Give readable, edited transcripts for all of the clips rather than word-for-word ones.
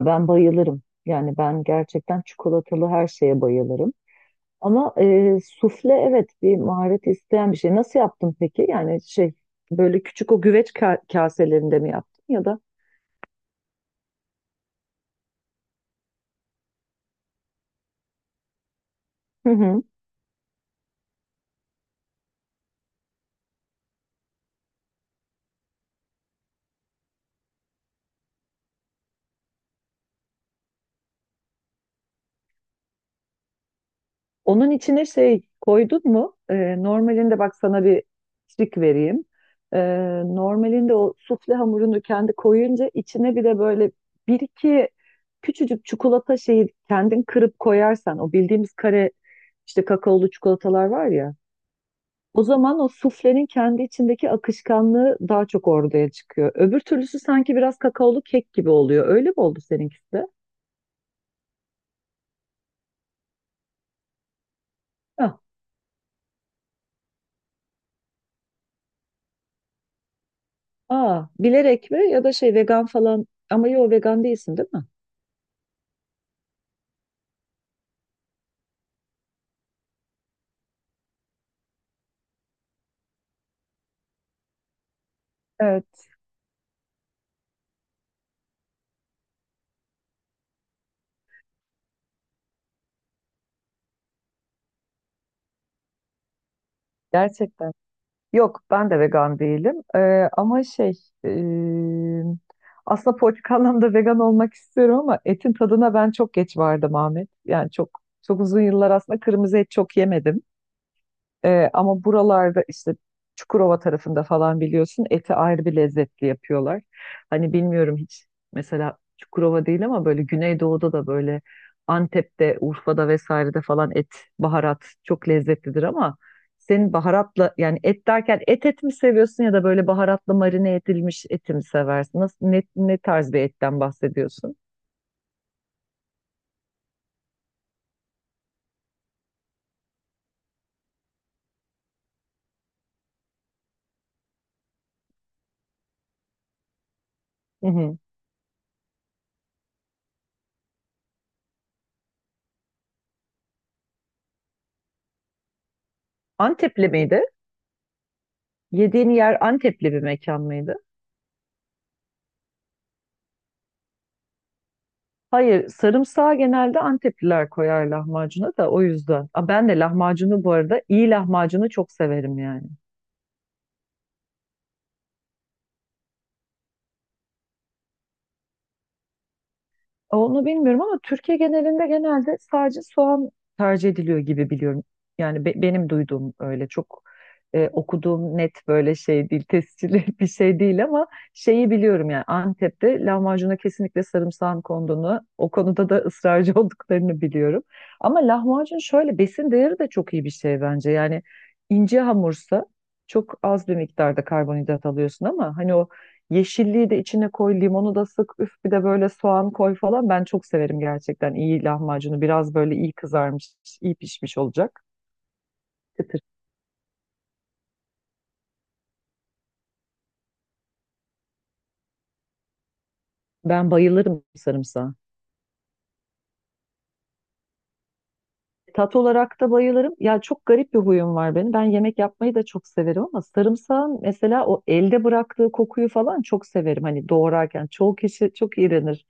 Ben bayılırım. Yani ben gerçekten çikolatalı her şeye bayılırım. Ama sufle, evet, bir maharet isteyen bir şey. Nasıl yaptın peki? Yani böyle küçük o güveç kaselerinde mi yaptın ya da? Hı hı. Onun içine şey koydun mu? Normalinde bak sana bir trik vereyim. E, Normalinde o sufle hamurunu kendi koyunca içine bir de böyle bir iki küçücük çikolata şeyi kendin kırıp koyarsan, o bildiğimiz kare işte kakaolu çikolatalar var ya. O zaman o suflenin kendi içindeki akışkanlığı daha çok ortaya çıkıyor. Öbür türlüsü sanki biraz kakaolu kek gibi oluyor. Öyle mi oldu seninkisi de? Hah. Aa, bilerek mi ya da şey vegan falan, ama yo, vegan değilsin değil mi? Evet, gerçekten. Yok, ben de vegan değilim. Ama e, aslında politik anlamda vegan olmak istiyorum ama etin tadına ben çok geç vardım Ahmet. Yani çok çok uzun yıllar aslında kırmızı et çok yemedim. Ama buralarda işte Çukurova tarafında falan biliyorsun eti ayrı bir lezzetli yapıyorlar. Hani bilmiyorum, hiç mesela Çukurova değil ama böyle Güneydoğu'da da böyle Antep'te, Urfa'da vesairede falan et, baharat çok lezzetlidir ama senin baharatla, yani et derken et et mi seviyorsun ya da böyle baharatla marine edilmiş eti mi seversin? Nasıl, ne, ne tarz bir etten bahsediyorsun? Hı hı. Antepli miydi? Yediğin yer Antepli bir mekan mıydı? Hayır, sarımsağı genelde Antepliler koyar lahmacuna da o yüzden. Aa, ben de lahmacunu, bu arada iyi lahmacunu, çok severim yani. Onu bilmiyorum ama Türkiye genelinde genelde sadece soğan tercih ediliyor gibi biliyorum. Yani benim duyduğum öyle çok okuduğum net böyle şey değil, tescilli bir şey değil ama şeyi biliyorum, yani Antep'te lahmacuna kesinlikle sarımsağın konduğunu, o konuda da ısrarcı olduklarını biliyorum. Ama lahmacun şöyle besin değeri de çok iyi bir şey bence. Yani ince hamursa çok az bir miktarda karbonhidrat alıyorsun ama hani o yeşilliği de içine koy, limonu da sık, üf bir de böyle soğan koy falan. Ben çok severim gerçekten iyi lahmacunu. Biraz böyle iyi kızarmış, iyi pişmiş olacak. Kıtır. Ben bayılırım sarımsağa. Tat olarak da bayılırım. Ya çok garip bir huyum var benim. Ben yemek yapmayı da çok severim ama sarımsağın mesela o elde bıraktığı kokuyu falan çok severim. Hani doğrarken çoğu kişi çok iğrenir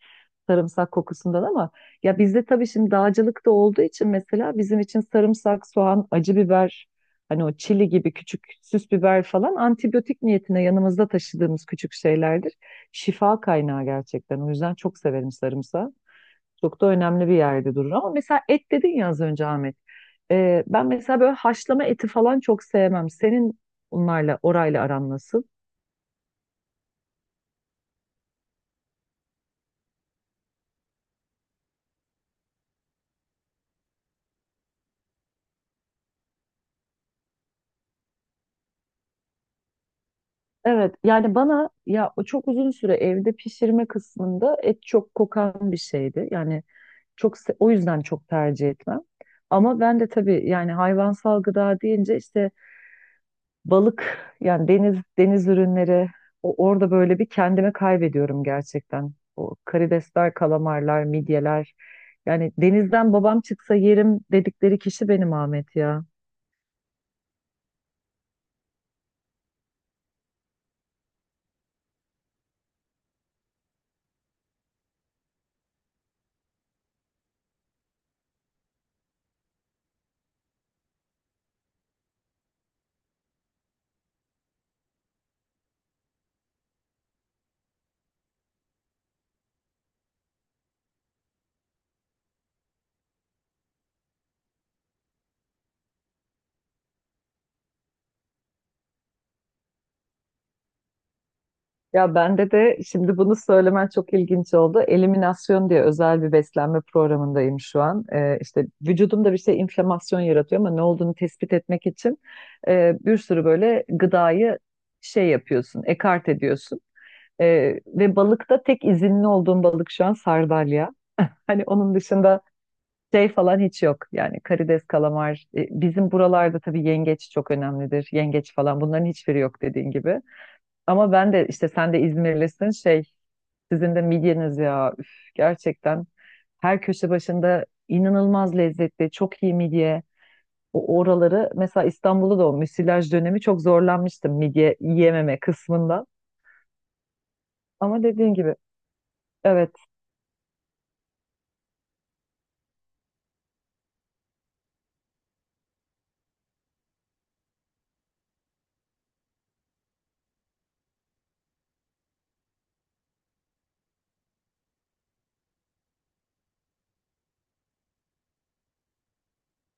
sarımsak kokusundan ama ya bizde tabii şimdi dağcılık da olduğu için mesela bizim için sarımsak, soğan, acı biber, hani o çili gibi küçük süs biber falan antibiyotik niyetine yanımızda taşıdığımız küçük şeylerdir. Şifa kaynağı gerçekten. O yüzden çok severim sarımsağı. Çok da önemli bir yerde durur. Ama mesela et dedin ya az önce Ahmet. Ben mesela böyle haşlama eti falan çok sevmem. Senin onlarla, orayla aran nasıl? Evet, yani bana ya o çok uzun süre evde pişirme kısmında et çok kokan bir şeydi. Yani o yüzden çok tercih etmem. Ama ben de tabii yani hayvansal gıda deyince işte balık, yani deniz ürünleri, orada böyle bir kendimi kaybediyorum gerçekten. O karidesler, kalamarlar, midyeler. Yani denizden babam çıksa yerim dedikleri kişi benim Ahmet ya. Ya bende de şimdi bunu söylemen çok ilginç oldu. Eliminasyon diye özel bir beslenme programındayım şu an. İşte vücudumda bir şey inflamasyon yaratıyor ama ne olduğunu tespit etmek için bir sürü böyle gıdayı şey yapıyorsun, ekart ediyorsun. Ve balıkta tek izinli olduğum balık şu an sardalya. Hani onun dışında şey falan hiç yok. Yani karides, kalamar. Bizim buralarda tabii yengeç çok önemlidir. Yengeç falan, bunların hiçbiri yok dediğin gibi. Ama ben de işte, sen de İzmirlisin, şey sizin de midyeniz ya. Üf, gerçekten her köşe başında inanılmaz lezzetli, çok iyi midye. O oraları mesela İstanbul'da da o müsilaj dönemi çok zorlanmıştım midye yiyememe kısmında. Ama dediğin gibi, evet,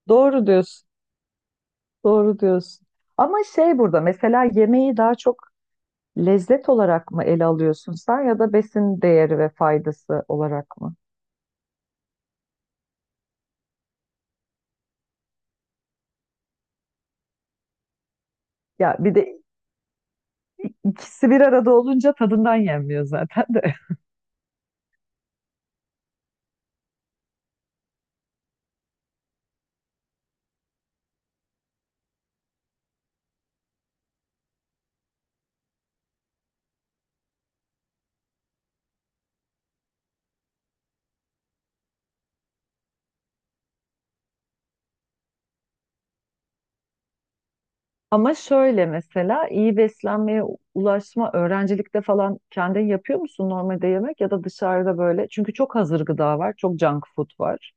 doğru diyorsun. Doğru diyorsun. Ama şey, burada mesela yemeği daha çok lezzet olarak mı ele alıyorsun sen ya da besin değeri ve faydası olarak mı? Ya bir de ikisi bir arada olunca tadından yenmiyor zaten de. Ama şöyle mesela iyi beslenmeye ulaşma, öğrencilikte falan kendin yapıyor musun normalde yemek ya da dışarıda böyle? Çünkü çok hazır gıda var, çok junk food var.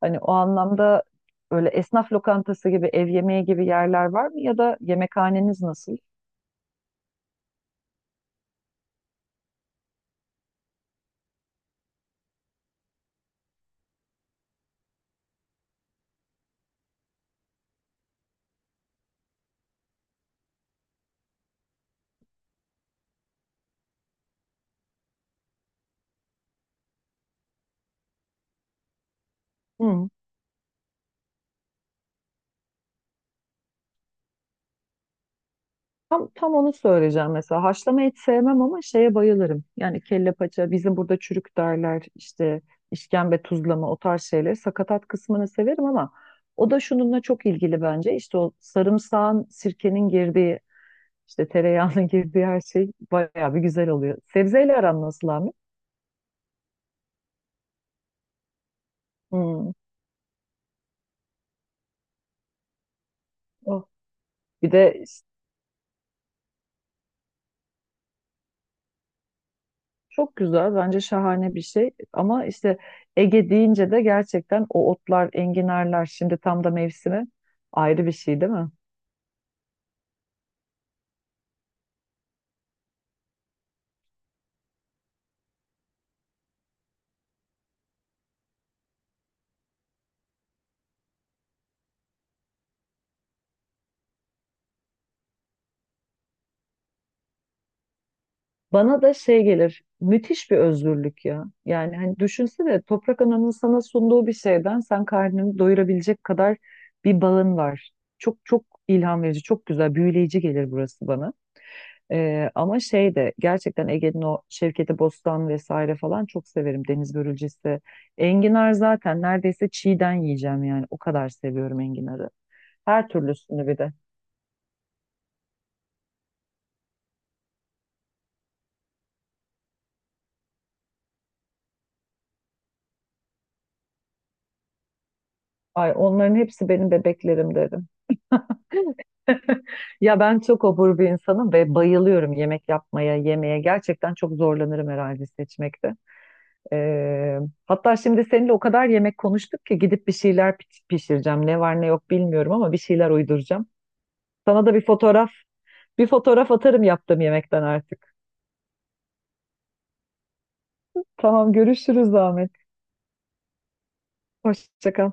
Hani o anlamda öyle esnaf lokantası gibi, ev yemeği gibi yerler var mı ya da yemekhaneniz nasıl? Hı. Tam, tam onu söyleyeceğim mesela. Haşlama et sevmem ama şeye bayılırım. Yani kelle paça, bizim burada çürük derler, işte işkembe tuzlama o tarz şeyler. Sakatat kısmını severim ama o da şununla çok ilgili bence. İşte o sarımsağın, sirkenin girdiği, işte tereyağının girdiği her şey bayağı bir güzel oluyor. Sebzeyle aran nasıl Ahmet? Hmm. Oh. Bir de çok güzel, bence şahane bir şey. Ama işte Ege deyince de gerçekten o otlar, enginarlar, şimdi tam da mevsimi, ayrı bir şey değil mi? Bana da şey gelir, müthiş bir özgürlük ya. Yani hani düşünsene, Toprak Ana'nın sana sunduğu bir şeyden sen karnını doyurabilecek kadar bir bağın var. Çok çok ilham verici, çok güzel, büyüleyici gelir burası bana. Ama şey de gerçekten Ege'nin o Şevketi Bostan vesaire falan çok severim. Deniz börülcesi. Enginar zaten neredeyse çiğden yiyeceğim yani. O kadar seviyorum enginarı. Her türlüsünü bir de. Ay onların hepsi benim bebeklerim derim. Ya ben çok obur bir insanım ve bayılıyorum yemek yapmaya, yemeye. Gerçekten çok zorlanırım herhalde seçmekte. Ee, Hatta şimdi seninle o kadar yemek konuştuk ki gidip bir şeyler pişireceğim. Ne var ne yok bilmiyorum ama bir şeyler uyduracağım. Sana da bir fotoğraf, bir fotoğraf atarım yaptığım yemekten artık. Tamam, görüşürüz Ahmet. Hoşça kal.